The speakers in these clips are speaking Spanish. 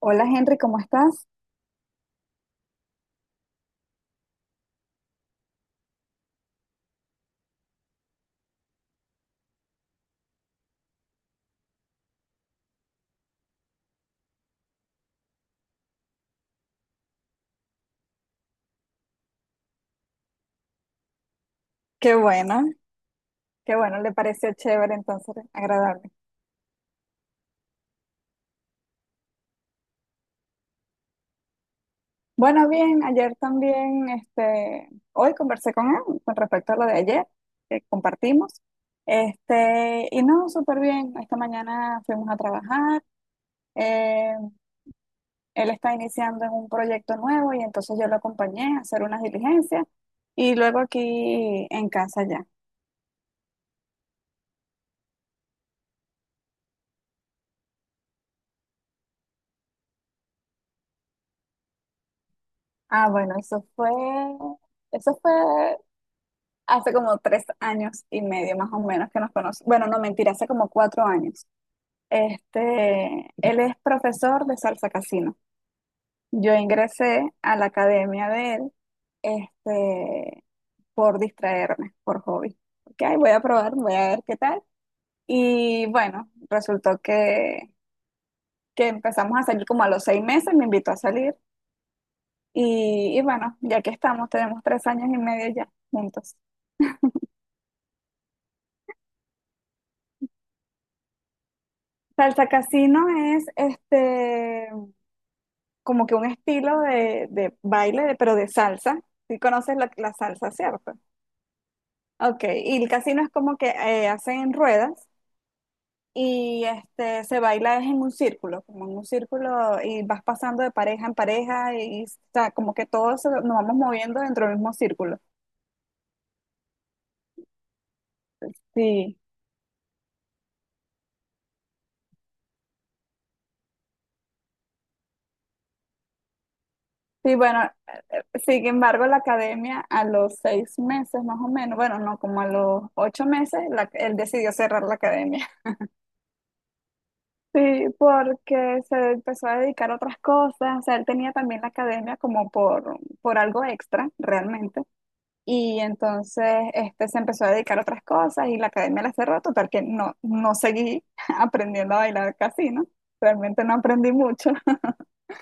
Hola Henry, ¿cómo estás? Qué bueno, qué bueno, le pareció chévere, entonces agradable. Bueno, bien, ayer también, este, hoy conversé con él con respecto a lo de ayer que compartimos. Este, y no, súper bien. Esta mañana fuimos a trabajar. eh, Él está iniciando en un proyecto nuevo y entonces yo lo acompañé a hacer unas diligencias y luego aquí en casa ya. Ah, bueno, eso fue hace como tres años y medio más o menos que nos conocemos. Bueno, no, mentira, hace como 4 años. Este, él es profesor de salsa casino. Yo ingresé a la academia de él, este, por distraerme, por hobby. Ok, voy a probar, voy a ver qué tal. Y bueno, resultó que empezamos a salir como a los 6 meses, me invitó a salir. Y bueno, ya que estamos, tenemos 3 años y medio ya juntos. Salsa Casino es este, como que un estilo de baile, pero de salsa. Si conoces la salsa, ¿cierto? Ok, y el casino es como que hacen ruedas y este, se baila es en un círculo, como en un círculo y vas pasando de pareja en pareja y, o sea, como que todos nos vamos moviendo dentro del mismo círculo. Sí, sí, bueno, sin embargo, la academia a los seis meses más o menos, bueno, no, como a los 8 meses, él decidió cerrar la academia. Sí, porque se empezó a dedicar a otras cosas, o sea, él tenía también la academia como por algo extra, realmente, y entonces este, se empezó a dedicar a otras cosas y la academia la cerró, total que no, no seguí aprendiendo a bailar casino, realmente no aprendí mucho,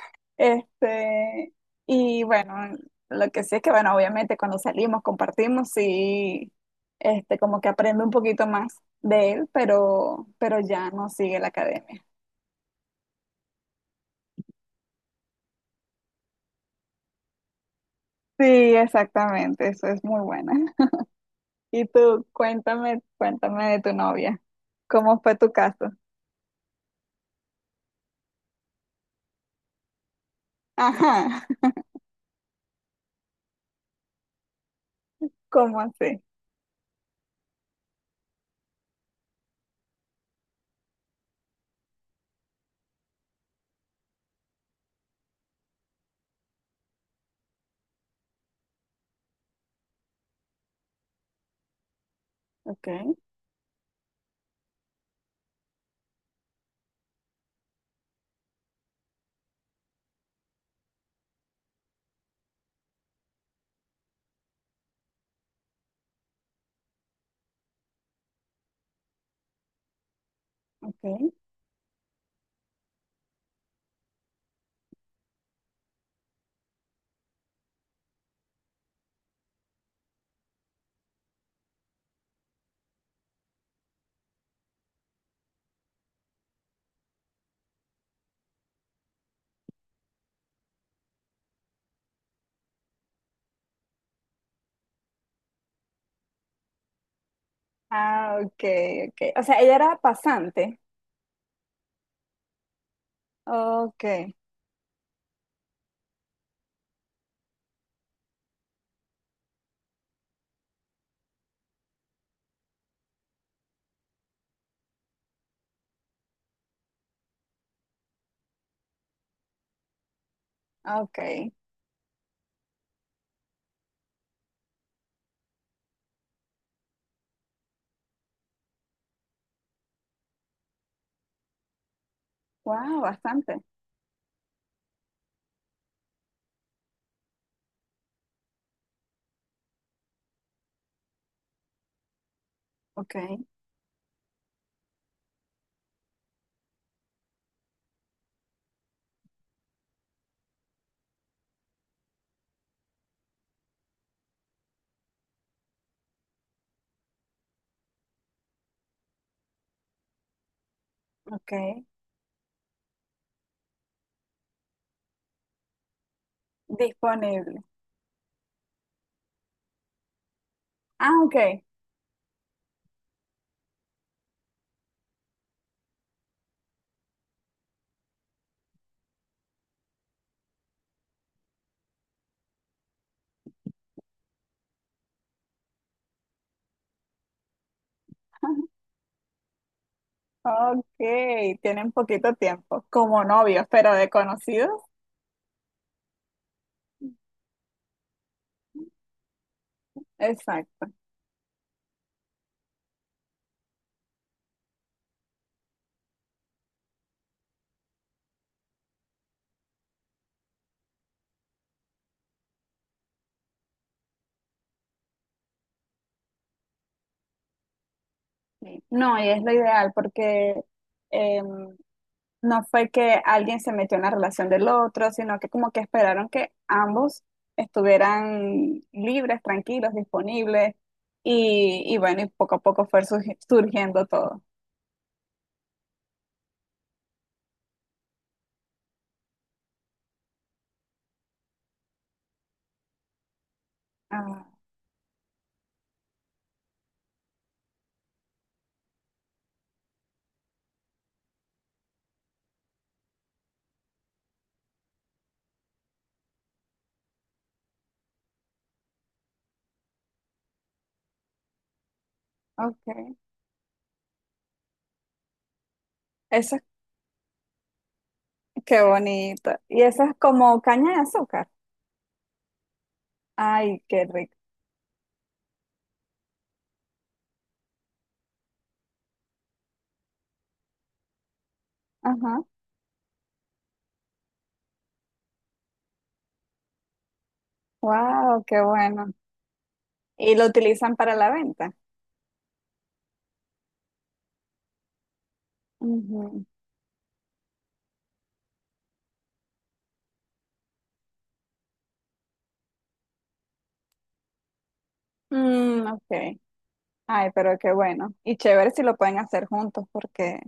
este, y bueno, lo que sí es que, bueno, obviamente cuando salimos, compartimos, sí, este, como que aprendo un poquito más de él, pero ya no sigue la academia. Sí, exactamente, eso es muy buena. Y tú, cuéntame, cuéntame de tu novia. ¿Cómo fue tu caso? Ajá, ¿cómo así? Ok, ok. Ah, ok, ok. O sea, ella era pasante. Ok, ok. Wow, bastante. Ok, ok, disponible. Ah, ok. Ok, tienen poquito tiempo como novios, pero de conocidos. Exacto. Sí. No, y es lo ideal porque em, no fue que alguien se metió en la relación del otro, sino que como que esperaron que ambos estuvieran libres, tranquilos, disponibles y bueno, y poco a poco fue surgiendo todo. Ah, ok. Eso es, qué bonito. Y eso es como caña de azúcar. Ay, qué rico. Ajá. Wow, qué bueno. Y lo utilizan para la venta. Ujú. Mm, ok. Ay, pero qué bueno. Y chévere si lo pueden hacer juntos porque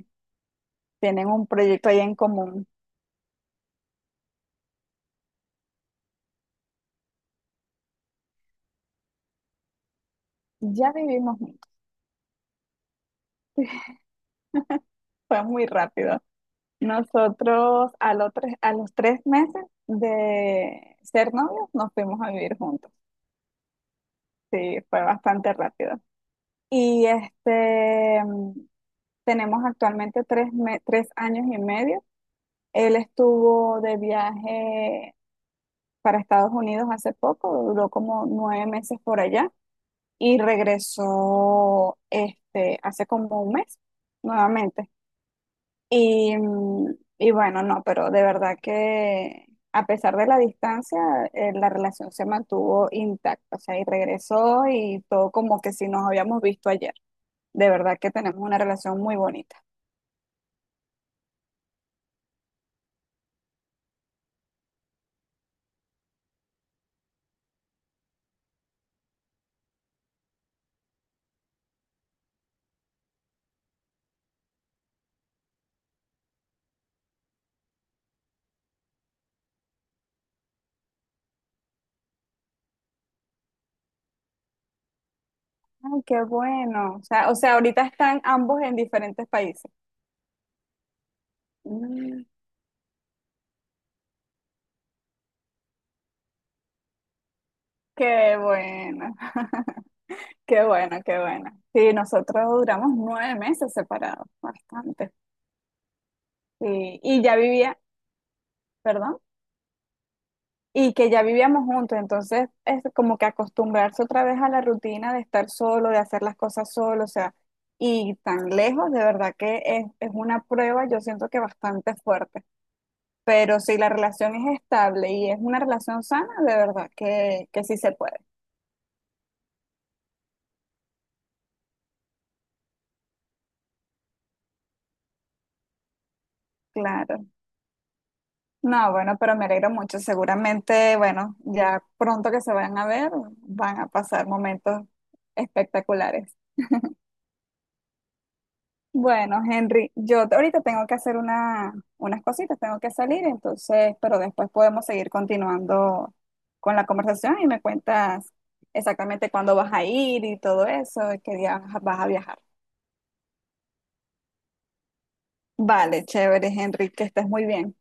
tienen un proyecto ahí en común. Ya vivimos juntos. Fue muy rápido. Nosotros a los tres meses de ser novios nos fuimos a vivir juntos. Sí, fue bastante rápido. Y este, tenemos actualmente tres años y medio. Él estuvo de viaje para Estados Unidos hace poco, duró como 9 meses por allá y regresó este, hace como un mes nuevamente. Y, y bueno, no, pero de verdad que a pesar de la distancia, la relación se mantuvo intacta, o sea, y regresó y todo como que si nos habíamos visto ayer. De verdad que tenemos una relación muy bonita. Ay, qué bueno. O sea, ahorita están ambos en diferentes países. Mm, qué bueno, qué bueno, qué bueno. Sí, nosotros duramos 9 meses separados, bastante. Sí, y ya vivía, perdón. Y que ya vivíamos juntos, entonces es como que acostumbrarse otra vez a la rutina de estar solo, de hacer las cosas solo, o sea, y tan lejos, de verdad que es, una prueba, yo siento que bastante fuerte, pero si la relación es estable y es una relación sana, de verdad que sí se puede, claro. No, bueno, pero me alegro mucho, seguramente, bueno, ya pronto que se vayan a ver, van a pasar momentos espectaculares. Bueno, Henry, ahorita tengo que hacer unas cositas, tengo que salir, entonces, pero después podemos seguir continuando con la conversación y me cuentas exactamente cuándo vas a ir y todo eso, y qué día vas a viajar. Vale, chévere, Henry, que estés muy bien.